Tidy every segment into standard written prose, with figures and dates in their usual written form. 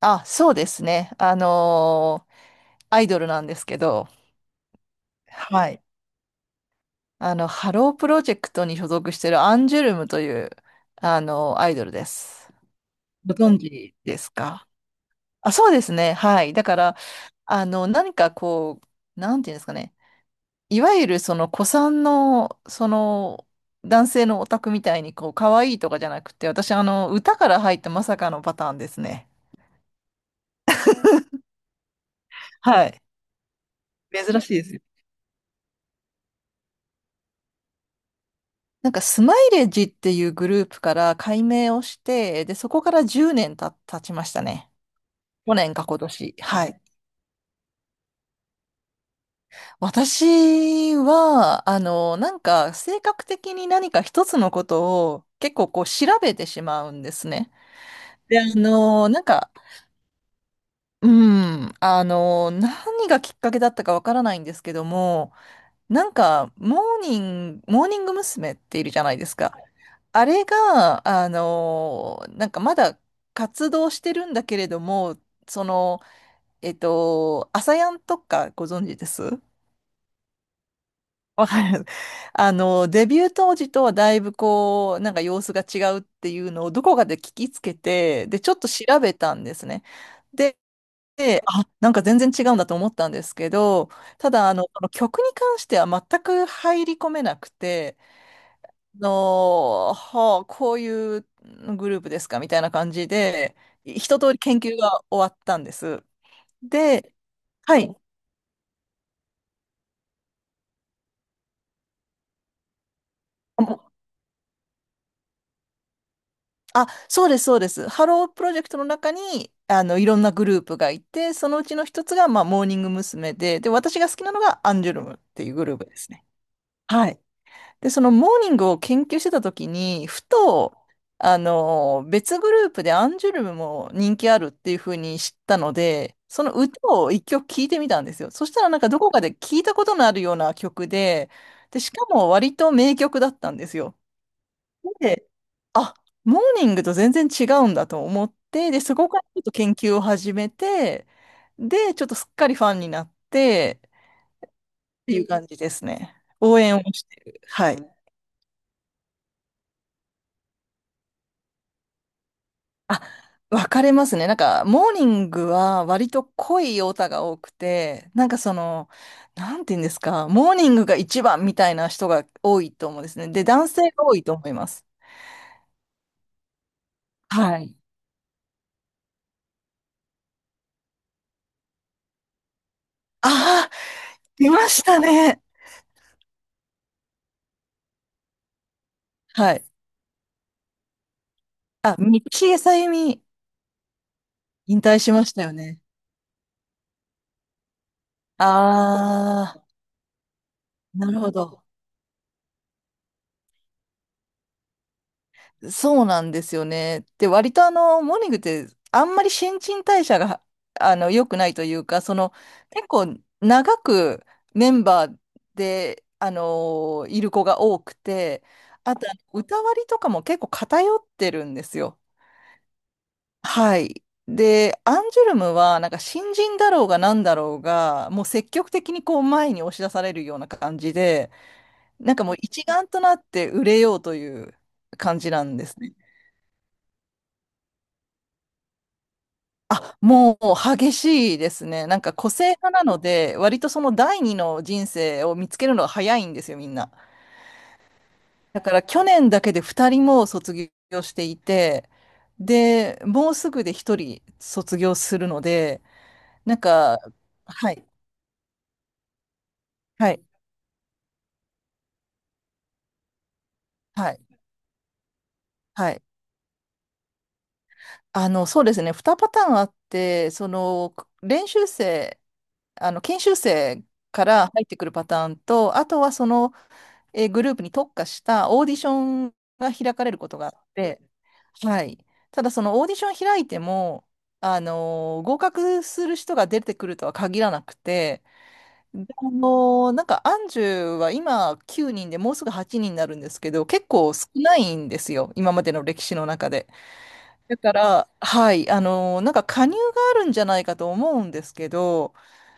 あ、そうですね。アイドルなんですけど、はい。ハロープロジェクトに所属してるアンジュルムという、あのアイドルです。ご存知ですか？あ、そうですね。はい。だから、あの、何かこう、なんていうんですかね。いわゆるその古参の、その、男性のオタクみたいに、こう、可愛いとかじゃなくて、私、あの、歌から入ったまさかのパターンですね。はい。珍しいですよ。なんかスマイレージっていうグループから改名をして、で、そこから10年経ちましたね。去年か今年。はい。私は、あの、なんか性格的に何か一つのことを結構こう調べてしまうんですね。で、あの、なんか、うん、あの、何がきっかけだったかわからないんですけども、なんか、モーニング娘。っているじゃないですか。あれが、なんかまだ活動してるんだけれども、その、えっと、アサヤンとかご存知です？わかる。あの、デビュー当時とはだいぶこう、なんか様子が違うっていうのをどこかで聞きつけて、で、ちょっと調べたんですね。で、あ、なんか全然違うんだと思ったんですけど、ただ、あの、この曲に関しては全く入り込めなくて、の、はあ、こういうグループですかみたいな感じで、一通り研究が終わったんです。で、はい。あ、そうです、そうです。ハロープロジェクトの中に、あの、いろんなグループがいて、そのうちの一つが、まあ、モーニング娘。で、で、私が好きなのがアンジュルムっていうグループですね。はい。で、そのモーニングを研究してた時に、ふと、あの、別グループでアンジュルムも人気あるっていうふうに知ったので、その歌を一曲聴いてみたんですよ。そしたらなんかどこかで聞いたことのあるような曲で、で、しかも割と名曲だったんですよ。で、あ、モーニングと全然違うんだと思って、で、そこからちょっと研究を始めて、で、ちょっとすっかりファンになって、っていう感じですね。応援をしてる。はい。あ、分かれますね。なんか、モーニングは割と濃いオタが多くて、なんかその、なんて言うんですか、モーニングが一番みたいな人が多いと思うんですね。で、男性が多いと思います。はい。ああ、出ましたね。はい。あ、道枝さゆみ、引退しましたよね。ああ、なるほど。そうなんですよね。で、割とあの、モーニングってあんまり新陳代謝が、あの、良くないというか、その、結構長くメンバーで、あの、いる子が多くて、あと、歌割りとかも結構偏ってるんですよ。はい。で、アンジュルムは、なんか新人だろうが何だろうが、もう積極的にこう前に押し出されるような感じで、なんかもう一丸となって売れようという感じなんですね。あ、もう激しいですね。なんか個性派なので、割とその第二の人生を見つけるのが早いんですよ、みんな。だから去年だけで二人も卒業していて、で、もうすぐで一人卒業するので、なんか、はい、はい、はい、はい。あの、そうですね、二パターンあって、その、練習生、あの、研修生から入ってくるパターンと、あとはその、グループに特化したオーディションが開かれることがあって、はい。ただそのオーディション開いても、合格する人が出てくるとは限らなくて、でなんかアンジュは今9人でもうすぐ8人にんになるんですけど、結構少ないんですよ、今までの歴史の中で。だから、はい、なんか加入があるんじゃないかと思うんですけど、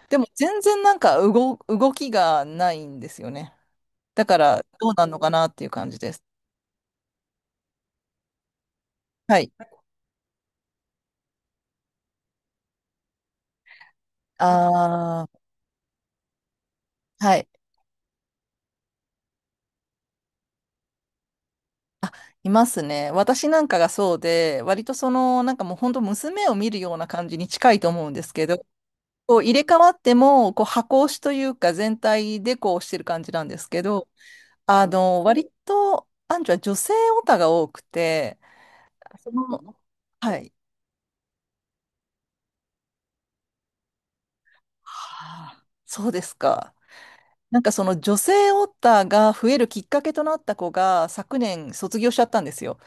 でも全然動きがないんですよね。だからどうなるのかなっていう感じです。はい。ああ、はい。あ、いますね。私なんかがそうで、割とその、なんかもう本当娘を見るような感じに近いと思うんですけど、こう入れ替わっても、こう箱押しというか全体でこうしてる感じなんですけど、あの、割と、アンジュは女性オタが多くて、その、はい。はあ、そうですか。なんかその女性オタが増えるきっかけとなった子が昨年卒業しちゃったんですよ。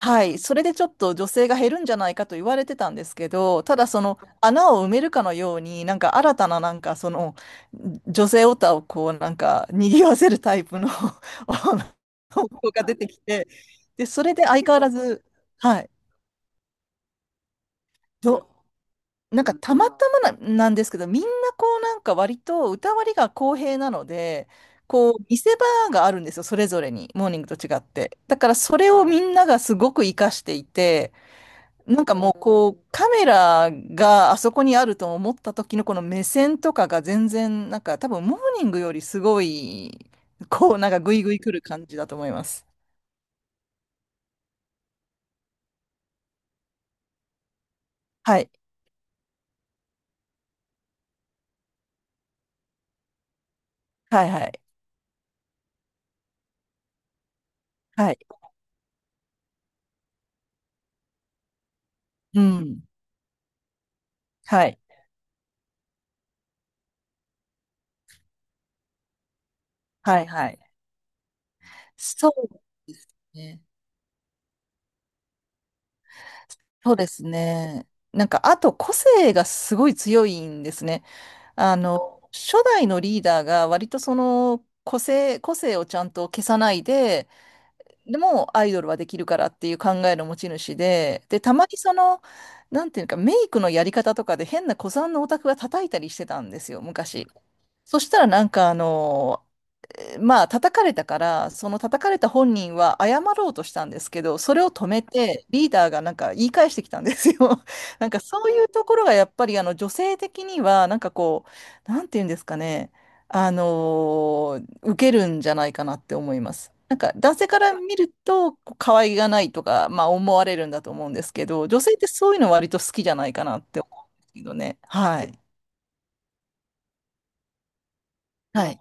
はい、それでちょっと女性が減るんじゃないかと言われてたんですけど、ただその穴を埋めるかのように、なんか新たななんかその女性オタをこうなんか賑わせるタイプの 男が出てきて、で、それで相変わらず、はい、ど、なんかたまたまな、なんですけど、みんなこうなんか割と歌割りが公平なので、こう見せ場があるんですよ、それぞれに、モーニングと違って。だからそれをみんながすごく活かしていて、なんかもうこうカメラがあそこにあると思った時のこの目線とかが全然なんか多分モーニングよりすごいこうなんかグイグイ来る感じだと思います。はい。はいはい。はい。うん。はい。はいはい。そうですね。そうですね。なんかあと個性がすごい強いんですね。あの、初代のリーダーが割とその個性をちゃんと消さないで、でもアイドルはできるからっていう考えの持ち主で、で、たまにその、なんていうか、メイクのやり方とかで変な古参のオタクが叩いたりしてたんですよ、昔。そしたらなんかあの、まあ、叩かれたから、その叩かれた本人は謝ろうとしたんですけど、それを止めて、リーダーがなんか言い返してきたんですよ。なんかそういうところがやっぱりあの女性的には、なんていうんですかね、受けるんじゃないかなって思います。なんか男性から見ると、こう可愛がないとか、まあ思われるんだと思うんですけど、女性ってそういうの割と好きじゃないかなって思うんですけどね。はい。はい。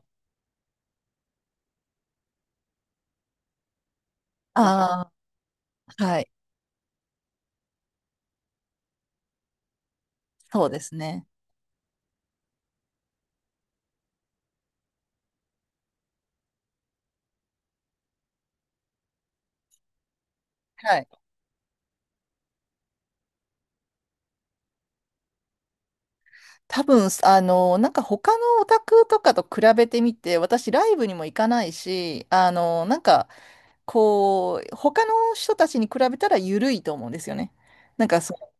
ああ、はい。そうですね。はい。多分、あの、なんか他のオタクとかと比べてみて、私ライブにも行かないし、あの、なんか、こう、他の人たちに比べたら緩いと思うんですよね。なんかそう、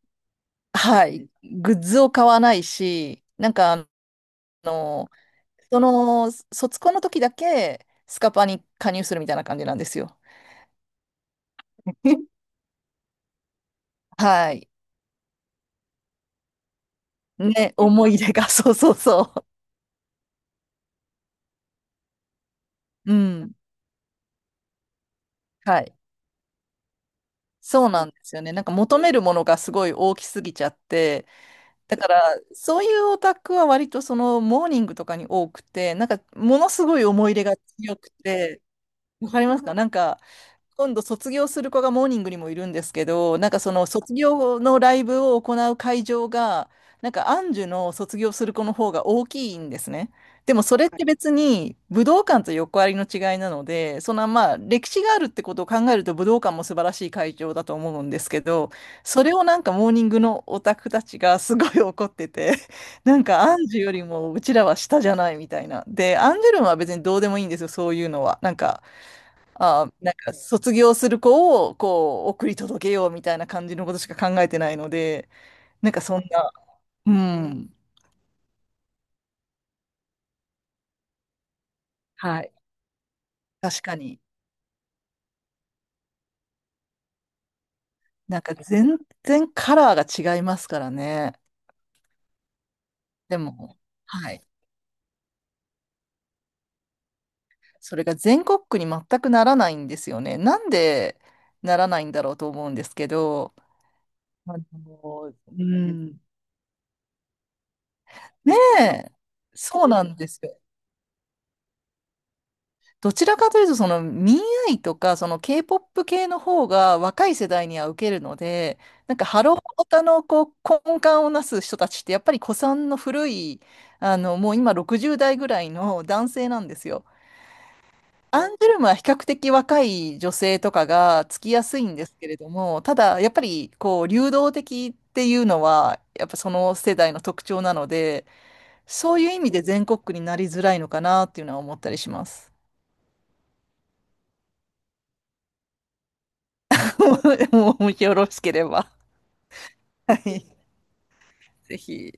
はい、グッズを買わないし、なんかあの、その、卒コンの時だけスカパに加入するみたいな感じなんですよ。はい。ね、思い出が、そうそうそう。うん。はい。そうなんですよね。なんか求めるものがすごい大きすぎちゃって、だから、そういうオタクは割とそのモーニングとかに多くて、なんかものすごい思い入れが強くて、わかりますか？なんか、今度卒業する子がモーニングにもいるんですけど、なんかその卒業のライブを行う会場が、なんかアンジュの卒業する子の方が大きいんですね。でもそれって別に武道館と横ありの違いなので、そのまあ歴史があるってことを考えると武道館も素晴らしい会場だと思うんですけど、それをなんかモーニングのオタクたちがすごい怒ってて、なんかアンジュよりもうちらは下じゃないみたいな。で、アンジュルムは別にどうでもいいんですよ、そういうのは。なんかああ、なんか卒業する子をこう送り届けようみたいな感じのことしか考えてないので、なんかそんな、うん、はい。確かに。なんか全然カラーが違いますからね。でも、はい。それが全国区に全くならないんですよね。なんでならないんだろうと思うんですけど、あの、うん、ねえ、そうなんですよ。どちらかというと、その民愛とか、その K-POP 系の方が若い世代には受けるので、なんかハローオタのこう根幹をなす人たちって、やっぱり古参の古い、あの、もう今60代ぐらいの男性なんですよ。アンジュルムは比較的若い女性とかがつきやすいんですけれども、ただやっぱりこう流動的っていうのは、やっぱその世代の特徴なので、そういう意味で全国区になりづらいのかなっていうのは思ったりします。もしよろしければ、はい、ぜひ。